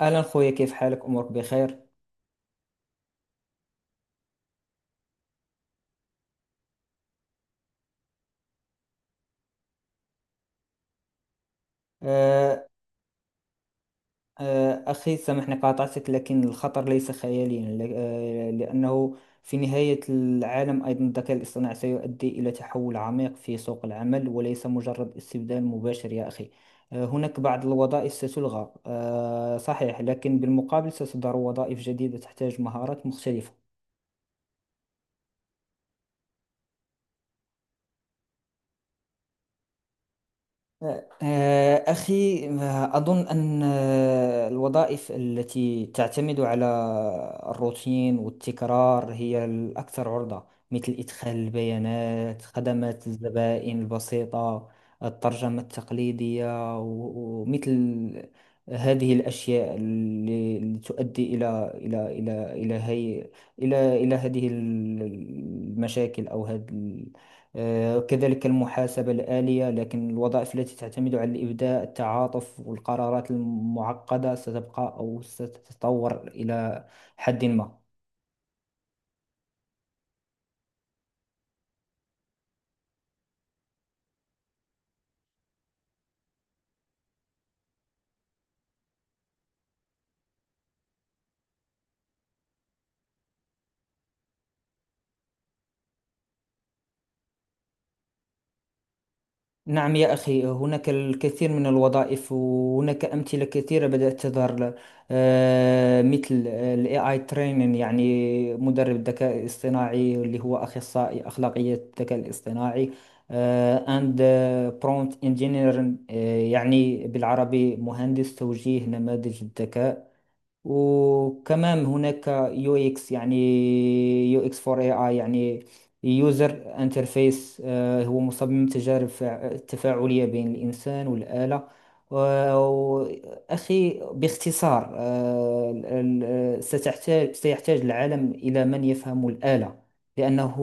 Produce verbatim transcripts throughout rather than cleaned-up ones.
أهلا خويا، كيف حالك؟ أمورك بخير؟ آه، آه، أخي سامحني قاطعتك، لكن الخطر ليس خياليا ل- آه، لأنه في نهاية العالم أيضا الذكاء الاصطناعي سيؤدي إلى تحول عميق في سوق العمل وليس مجرد استبدال مباشر يا أخي. آه، هناك بعض الوظائف ستلغى، آه، صحيح، لكن بالمقابل ستظهر وظائف جديدة تحتاج مهارات مختلفة. آه، أخي، آه، أظن أن آه، الوظائف التي تعتمد على الروتين والتكرار هي الأكثر عرضة، مثل إدخال البيانات، خدمات الزبائن البسيطة، الترجمة التقليدية و- ومثل هذه الأشياء اللي اللي تؤدي إلى إلى إلى إلى هي إلى إلى هذه المشاكل أو هذه. آه، كذلك المحاسبة الآلية، لكن الوظائف التي تعتمد على الإبداع، التعاطف والقرارات المعقدة ستبقى أو ستتطور إلى حد ما. نعم يا أخي، هناك الكثير من الوظائف وهناك أمثلة كثيرة بدأت تظهر، آه، مثل ال اي آي training، يعني مدرب الذكاء الاصطناعي اللي هو أخصائي أخلاقية الذكاء الاصطناعي، آه، and آه، prompt engineering، آه، يعني بالعربي مهندس توجيه نماذج الذكاء. وكمان هناك يو اكس، يعني يو اكس فور اي اي، يعني يوزر انترفيس، هو مصمم تجارب فع- تفاعلية بين الإنسان والآلة و- أخي. باختصار، آه، ال- ال- ستحتاج سيحتاج العالم إلى من يفهم الآلة، لأنه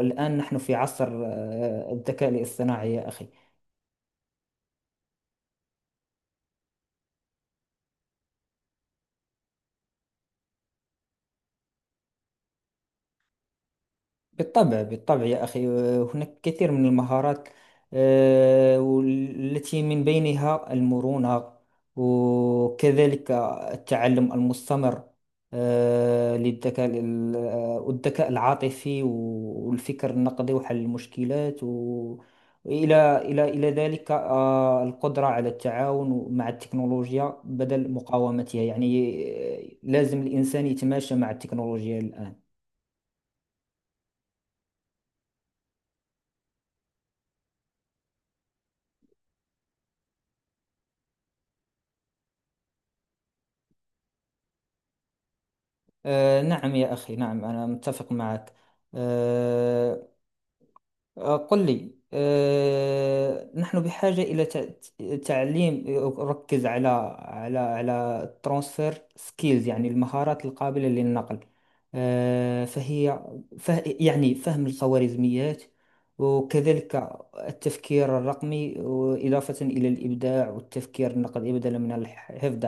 الآن نحن في عصر آه، الذكاء الاصطناعي يا أخي. بالطبع بالطبع يا أخي، آه، هناك كثير من المهارات، آه، والتي من بينها المرونة، وكذلك التعلم المستمر، آه، للذكاء ال- آه، والذكاء العاطفي والفكر النقدي وحل المشكلات و- وإلى إلى إلى ذلك، آه، القدرة على التعاون مع التكنولوجيا بدل مقاومتها، يعني آه، لازم الإنسان يتماشى مع التكنولوجيا الآن. آه، نعم يا أخي، نعم أنا متفق معك. آه، آه، قل لي، آه، نحن بحاجة إلى تع- تعليم يركز على على على ترانسفير سكيلز، يعني المهارات القابلة للنقل، آه، فهي فه يعني فهم الخوارزميات، وكذلك التفكير الرقمي وإضافة إلى الإبداع والتفكير النقدي بدلا من الحفظ.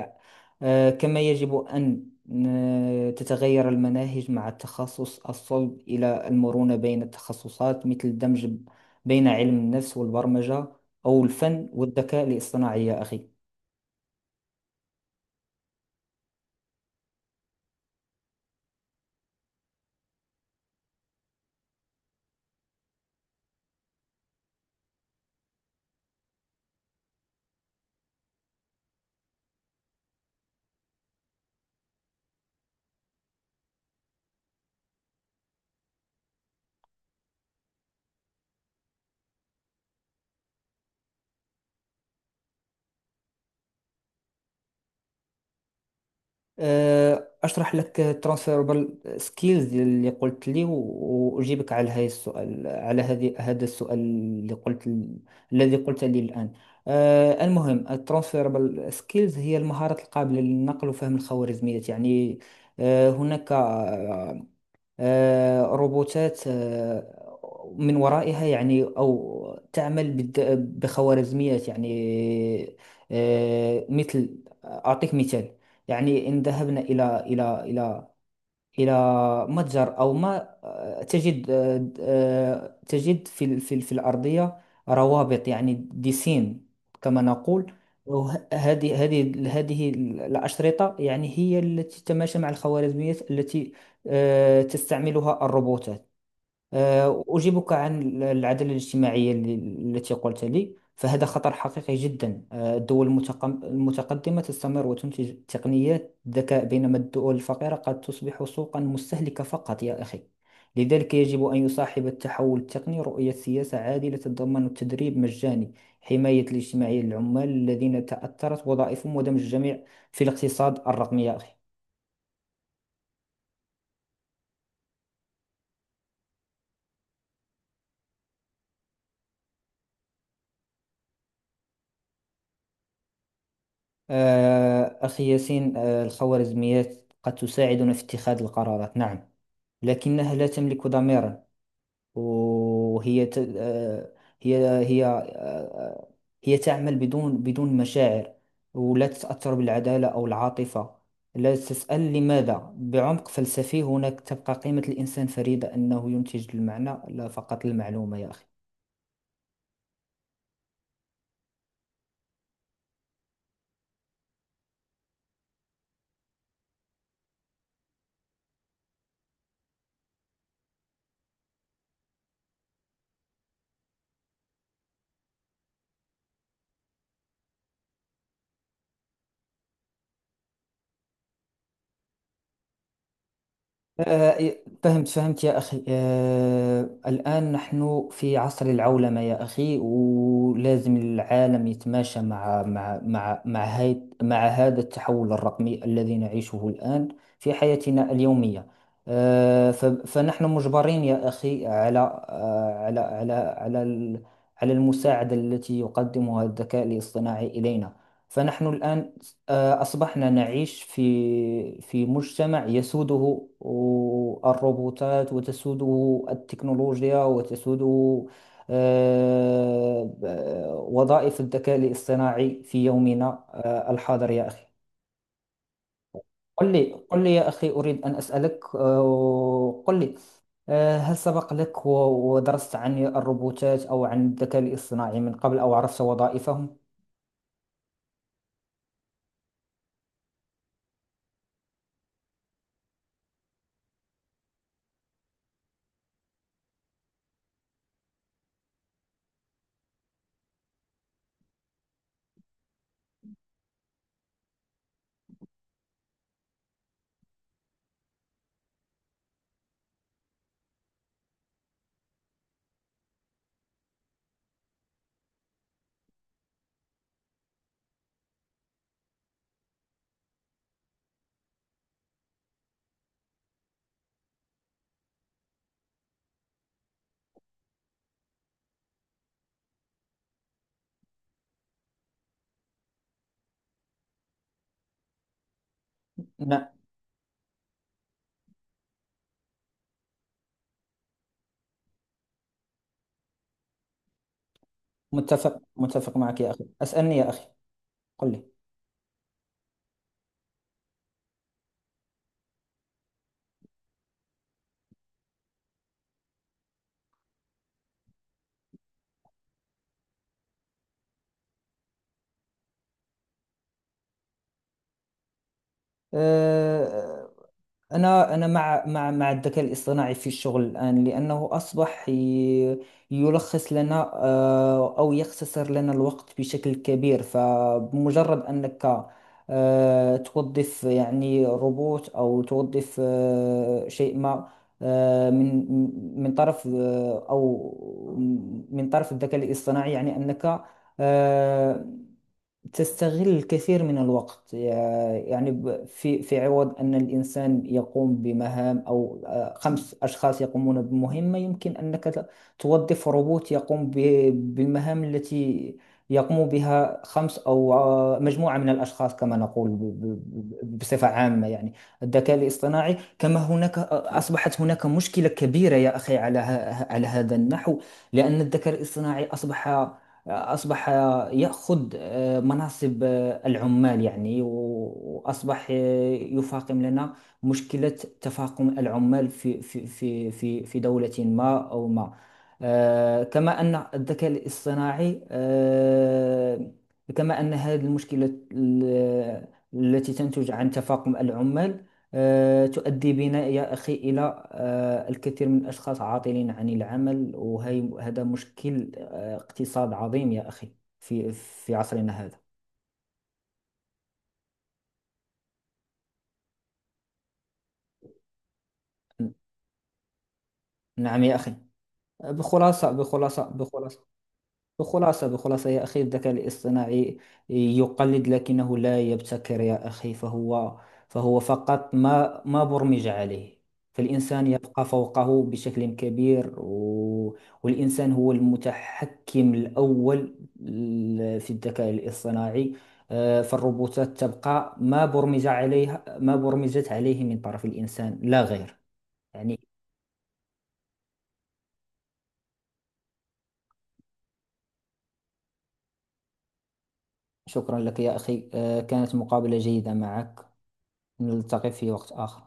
آه، كما يجب أن ن- تتغير المناهج مع التخصص الصلب إلى المرونة بين التخصصات، مثل الدمج ب- بين علم النفس والبرمجة أو الفن والذكاء الاصطناعي يا أخي. أه، أشرح لك transferable skills اللي قلت لي، و- وأجيبك على هذا السؤال، على هذه هذا السؤال اللي قلت، الذي قلت لي الآن. أه، المهم ال transferable skills هي المهارات القابلة للنقل وفهم الخوارزميات، يعني آه، هناك آه، روبوتات آه، من ورائها، يعني أو تعمل بالد- بخوارزميات، يعني آه، مثل، أعطيك مثال. يعني إن ذهبنا إلى إلى إلى إلى متجر أو ما، تجد آه، آه، تجد في ال- في ال- في الأرضية روابط، يعني ديسين كما نقول. وهذه هذه هذه ال- الأشرطة يعني هي التي تتماشى مع الخوارزميات التي آه، تستعملها الروبوتات. آه، أجيبك عن العدالة الاجتماعية اللي- التي قلت لي، فهذا خطر حقيقي جدا. آه، الدول المتقم- المتقدمة تستمر وتنتج تقنيات ذكاء، بينما الدول الفقيرة قد تصبح سوقا مستهلكة فقط يا أخي. لذلك يجب أن يصاحب التحول التقني رؤية سياسة عادلة، تتضمن التدريب مجاني، حماية الاجتماعية للعمال الذين تأثرت وظائفهم، ودمج الجميع في الاقتصاد الرقمي يا أخي. آه، أخي ياسين، آه، الخوارزميات قد تساعدنا في اتخاذ القرارات، نعم، لكنها لا تملك ضميرا، وهي ت... آه، هي هي آه، هي تعمل بدون بدون مشاعر، ولا تتأثر بالعدالة أو العاطفة، لا تسأل لماذا بعمق فلسفي. هناك تبقى قيمة الإنسان فريدة، أنه ينتج المعنى لا فقط المعلومة يا أخي. آه، فهمت فهمت يا أخي. آه، الآن نحن في عصر العولمة يا أخي، ولازم العالم يتماشى مع مع مع مع هاي مع هذا التحول الرقمي الذي نعيشه الآن في حياتنا اليومية. آه، ف- فنحن مجبرين يا أخي على آه، على على على ال- على المساعدة التي يقدمها الذكاء الاصطناعي إلينا. فنحن الآن آه، أصبحنا نعيش في في مجتمع يسوده الروبوتات، وتسوده التكنولوجيا، وتسوده آه، آه، وظائف الذكاء الاصطناعي في يومنا آه، الحاضر يا أخي. قل لي قل لي يا أخي، أريد أن أسألك. آه، قل لي، آه، هل سبق لك و- ودرست عن الروبوتات أو عن الذكاء الاصطناعي من قبل، أو عرفت وظائفهم؟ نعم. متفق متفق معك يا أخي، أسألني يا أخي. قل لي. آه، أنا أنا مع مع مع الذكاء الاصطناعي في الشغل الآن، لأنه أصبح ي- يلخص لنا، آه، أو يختصر لنا الوقت بشكل كبير. فبمجرد أنك آه، توظف يعني روبوت، أو توظف آه، شيء ما آه، من من طرف آه، أو من طرف الذكاء الاصطناعي، يعني أنك آه، تستغل الكثير من الوقت. يع- يعني ب- في في عوض أن الإنسان يقوم بمهام، أو آه، خمس أشخاص يقومون بمهمة، يمكن أنك ت- توظف روبوت يقوم ب- بالمهام التي يقوم بها خمس، أو آه، مجموعة من الأشخاص، كما نقول ب- ب- ب- بصفة عامة، يعني الذكاء الاصطناعي. كما هناك آه، أصبحت هناك مشكلة كبيرة يا أخي على ه- على هذا النحو، لأن الذكاء الاصطناعي أصبح أصبح يأخذ آه، مناصب آه، العمال، يعني، وأصبح آه، يفاقم لنا مشكلة تفاقم العمال في في في في في دولة ما أو ما. آه، كما أن الذكاء الاصطناعي آه، كما أن هذه المشكلة ال- التي تنتج عن تفاقم العمال آه، تؤدي بنا يا أخي إلى آه، الكثير من الأشخاص عاطلين عن العمل، وهذا مشكل اقتصاد عظيم يا أخي في في عصرنا هذا. نعم يا أخي. بخلاصة بخلاصة بخلاصة بخلاصة بخلاصة يا أخي، الذكاء الاصطناعي يقلد لكنه لا يبتكر يا أخي، فهو فهو فقط ما ما برمج عليه، فالإنسان يبقى فوقه بشكل كبير، و... والإنسان هو المتحكم الأول ل- في الذكاء الاصطناعي. آه، فالروبوتات تبقى ما برمج عليها، ما برمجت عليه من طرف الإنسان لا غير، يعني. شكرا لك يا أخي، آه، كانت مقابلة جيدة معك، نلتقي في وقت آخر.